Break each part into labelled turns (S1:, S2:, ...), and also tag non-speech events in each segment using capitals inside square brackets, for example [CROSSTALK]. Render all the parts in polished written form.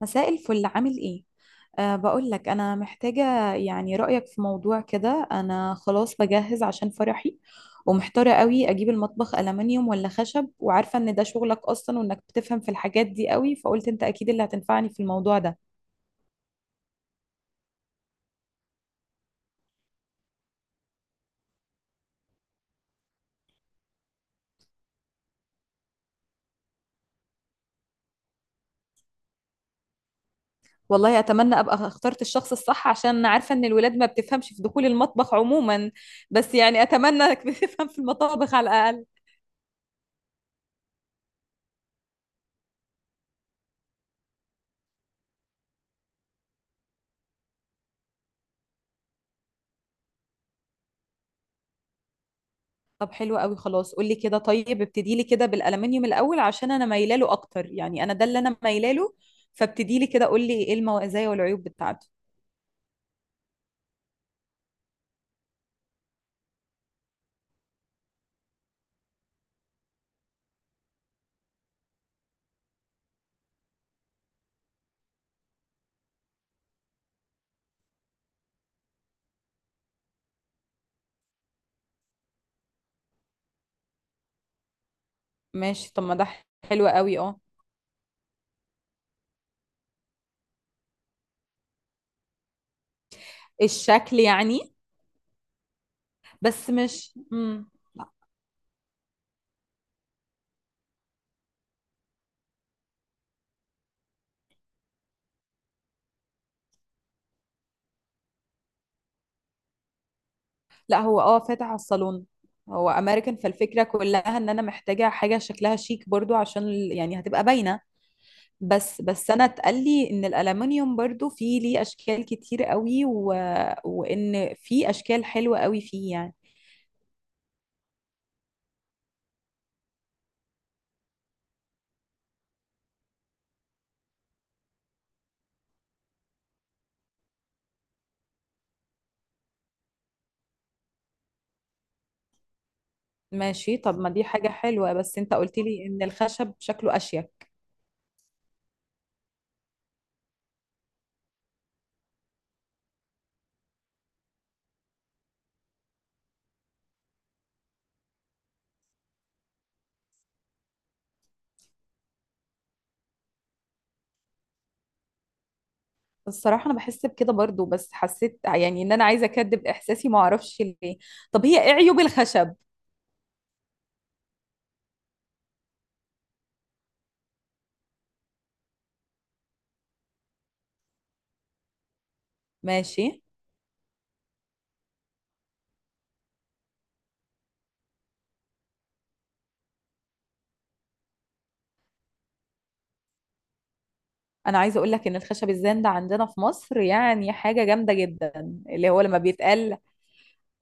S1: مساء الفل، عامل ايه؟ بقول لك انا محتاجة يعني رأيك في موضوع كده. انا خلاص بجهز عشان فرحي، ومحتارة قوي اجيب المطبخ ألمنيوم ولا خشب، وعارفة ان ده شغلك اصلا وانك بتفهم في الحاجات دي قوي، فقلت انت اكيد اللي هتنفعني في الموضوع ده. والله اتمنى ابقى اخترت الشخص الصح، عشان أنا عارفة ان الولاد ما بتفهمش في دخول المطبخ عموما. بس يعني اتمنى انك [LAUGHS] بتفهم في المطابخ على الأقل. طب حلو قوي، خلاص قولي كده. طيب ابتدي لي كده بالالومنيوم الاول، عشان انا مايله له اكتر، يعني انا ده اللي انا مايله له. فابتدي لي كده، قولي ايه المزايا والعيوب بتاعته. ماشي، طب ما ده حلو قوي، اه. الشكل يعني؟ بس مش. لا، هو اه فاتح على الصالون. هو امريكان، فالفكره كلها ان انا محتاجه حاجه شكلها شيك برضو عشان يعني هتبقى باينه. بس انا اتقال لي ان الالومنيوم برضو فيه ليه اشكال كتير قوي، وان في اشكال حلوه قوي فيه يعني. ماشي، طب ما دي حاجة حلوة، بس انت قلت لي ان الخشب شكله اشيك. الصراحة انا بحس بكده برضو، بس حسيت يعني ان انا عايزة اكدب احساسي، ما اعرفش ليه. طب هي ايه عيوب الخشب؟ ماشي. انا عايزة اقول لك ان الخشب الزان ده عندنا في مصر يعني حاجة جامدة جدا، اللي هو لما بيتقال.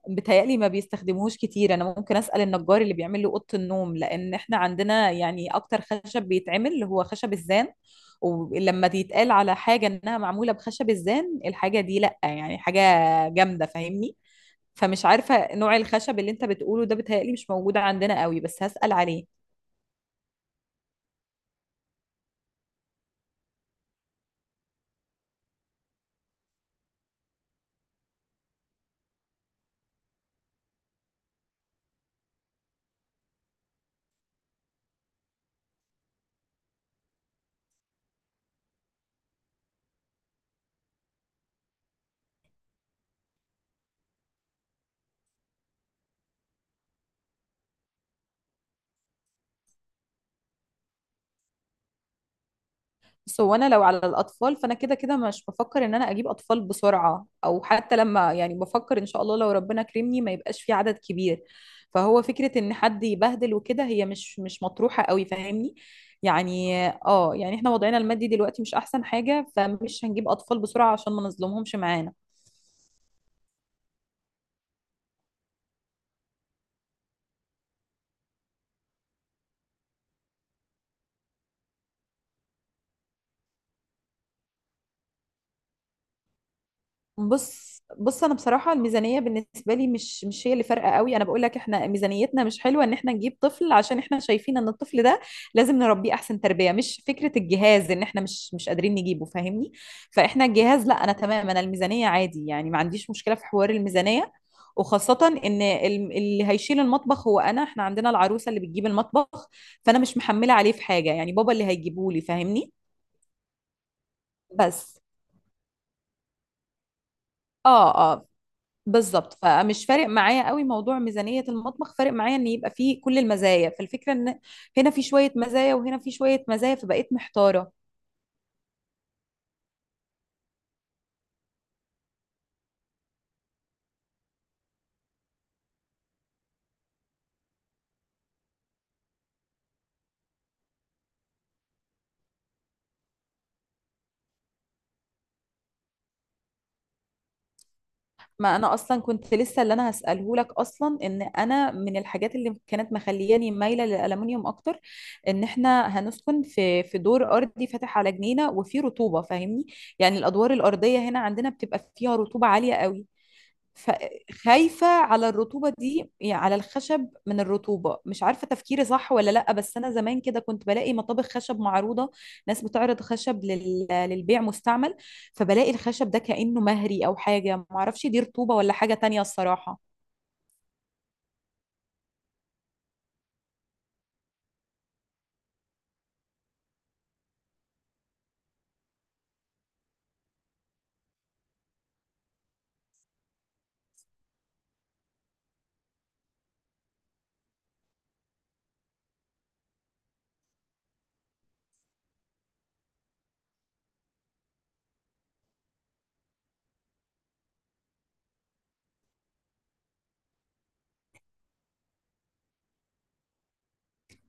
S1: بتهيألي ما بيستخدموهوش كتير، انا ممكن اسأل النجار اللي بيعمل لي اوضة النوم، لان احنا عندنا يعني اكتر خشب بيتعمل اللي هو خشب الزان. ولما بيتقال على حاجة انها معمولة بخشب الزان، الحاجة دي لأ، يعني حاجة جامدة، فاهمني. فمش عارفة نوع الخشب اللي انت بتقوله ده بتهيألي مش موجود عندنا قوي، بس هسأل عليه. بس هو انا لو على الاطفال فانا كده كده مش بفكر ان انا اجيب اطفال بسرعه، او حتى لما يعني بفكر ان شاء الله لو ربنا كرمني ما يبقاش في عدد كبير. فهو فكره ان حد يبهدل وكده هي مش مطروحه قوي، فاهمني. يعني اه، يعني احنا وضعنا المادي دلوقتي مش احسن حاجه، فمش هنجيب اطفال بسرعه عشان ما نظلمهمش معانا. بص انا بصراحه الميزانيه بالنسبه لي مش هي اللي فارقه قوي. انا بقول لك احنا ميزانيتنا مش حلوه ان احنا نجيب طفل، عشان احنا شايفين ان الطفل ده لازم نربيه احسن تربيه، مش فكره الجهاز ان احنا مش قادرين نجيبه، فاهمني. فاحنا الجهاز لا، انا تمام، انا الميزانيه عادي، يعني ما عنديش مشكله في حوار الميزانيه. وخاصة ان اللي هيشيل المطبخ هو انا، احنا عندنا العروسة اللي بتجيب المطبخ. فانا مش محملة عليه في حاجة، يعني بابا اللي هيجيبه لي، فاهمني. بس اه آه. بالظبط. فمش فارق معايا قوي موضوع ميزانية المطبخ، فارق معايا ان يبقى فيه كل المزايا. فالفكرة ان هنا في شوية مزايا وهنا في شوية مزايا، فبقيت محتارة. ما انا اصلا كنت لسه اللي انا هسأله لك اصلا، ان انا من الحاجات اللي كانت مخلياني مايلة للألمنيوم اكتر ان احنا هنسكن في دور ارضي فاتح على جنينة وفيه رطوبة، فاهمني. يعني الادوار الارضية هنا عندنا بتبقى فيها رطوبة عالية قوي. فخايفة على الرطوبة دي يعني على الخشب من الرطوبة، مش عارفة تفكيري صح ولا لأ. بس أنا زمان كده كنت بلاقي مطابخ خشب معروضة، ناس بتعرض خشب للبيع مستعمل، فبلاقي الخشب ده كأنه مهري أو حاجة، معرفش دي رطوبة ولا حاجة تانية الصراحة.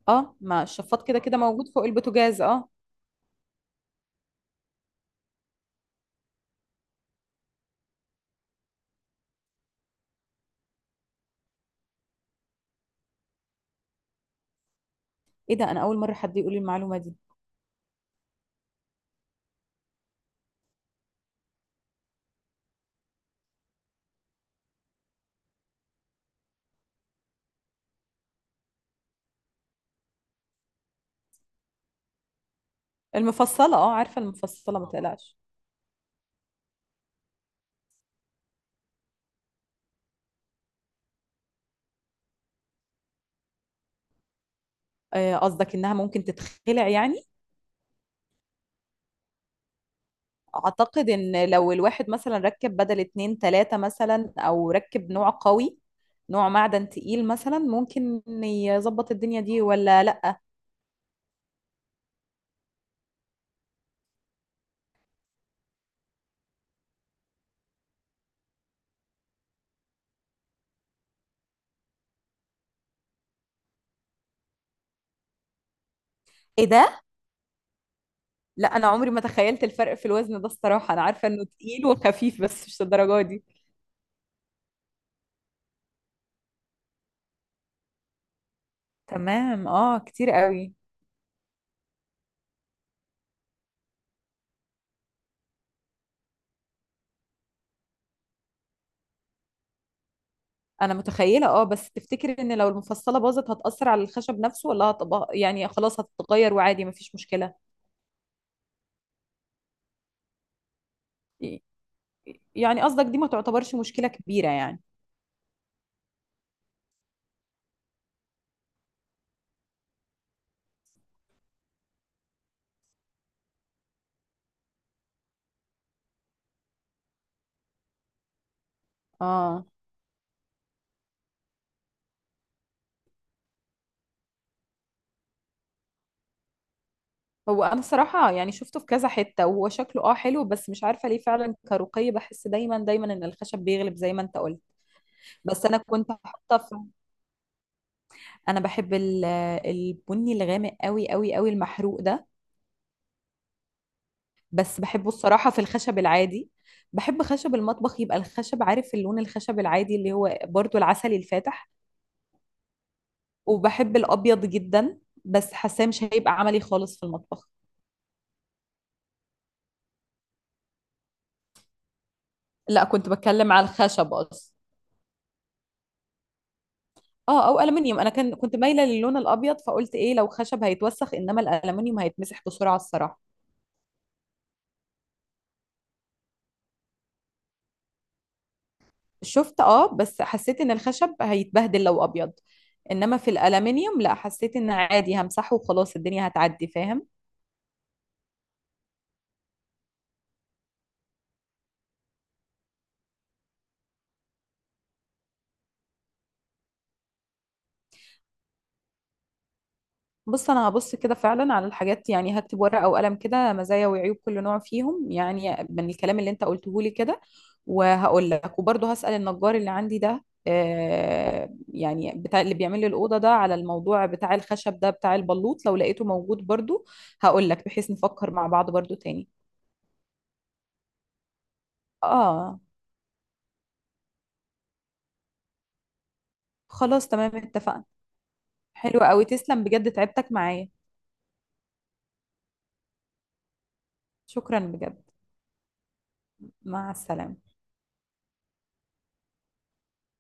S1: اه، ما الشفاط كده كده موجود فوق البوتاجاز، اه. ايه ده، انا اول مره حد يقول لي المعلومه دي. المفصله، اه عارفه المفصله، ما تقلقش. آه، قصدك انها ممكن تتخلع يعني؟ اعتقد ان لو الواحد مثلا ركب بدل اتنين تلاتة مثلا، او ركب نوع قوي، نوع معدن تقيل مثلا، ممكن يظبط الدنيا دي ولا لا؟ ايه ده! لا انا عمري ما تخيلت الفرق في الوزن ده الصراحة، انا عارفة انه تقيل وخفيف بس مش للدرجة دي. تمام، اه كتير قوي. انا متخيلة اه، بس تفتكر ان لو المفصلة باظت هتأثر على الخشب نفسه ولا هتبقى يعني خلاص هتتغير وعادي مفيش مشكلة؟ ي- يعني قصدك دي ما تعتبرش مشكلة كبيرة يعني؟ اه. هو انا الصراحه يعني شفته في كذا حته وهو شكله اه حلو، بس مش عارفه ليه فعلا كرقي بحس دايما دايما ان الخشب بيغلب زي ما انت قلت. بس انا كنت حاطه في، انا بحب البني الغامق قوي قوي قوي المحروق ده. بس بحبه الصراحه في الخشب العادي، بحب خشب المطبخ يبقى الخشب، عارف اللون الخشب العادي اللي هو برضو العسلي الفاتح. وبحب الابيض جدا بس حاساه مش هيبقى عملي خالص في المطبخ. لا، كنت بتكلم على الخشب اصلا. اه او الومنيوم، انا كنت مايله للون الابيض، فقلت ايه لو خشب هيتوسخ، انما الالومنيوم هيتمسح بسرعه الصراحه. شفت اه، بس حسيت ان الخشب هيتبهدل لو ابيض، انما في الالومنيوم لا، حسيت ان عادي همسحه وخلاص الدنيا هتعدي، فاهم. بص انا هبص كده فعلا على الحاجات، يعني هكتب ورقه وقلم كده مزايا وعيوب كل نوع فيهم يعني من الكلام اللي انت قلته لي كده، وهقول لك. وبرضه هسأل النجار اللي عندي ده آه، يعني بتاع اللي بيعمل لي الاوضه ده، على الموضوع بتاع الخشب ده بتاع البلوط، لو لقيته موجود برضه هقول لك، بحيث نفكر مع بعض برضه تاني. اه خلاص، تمام، اتفقنا. حلو قوي، تسلم بجد، تعبتك معايا. شكرا بجد. مع السلامه.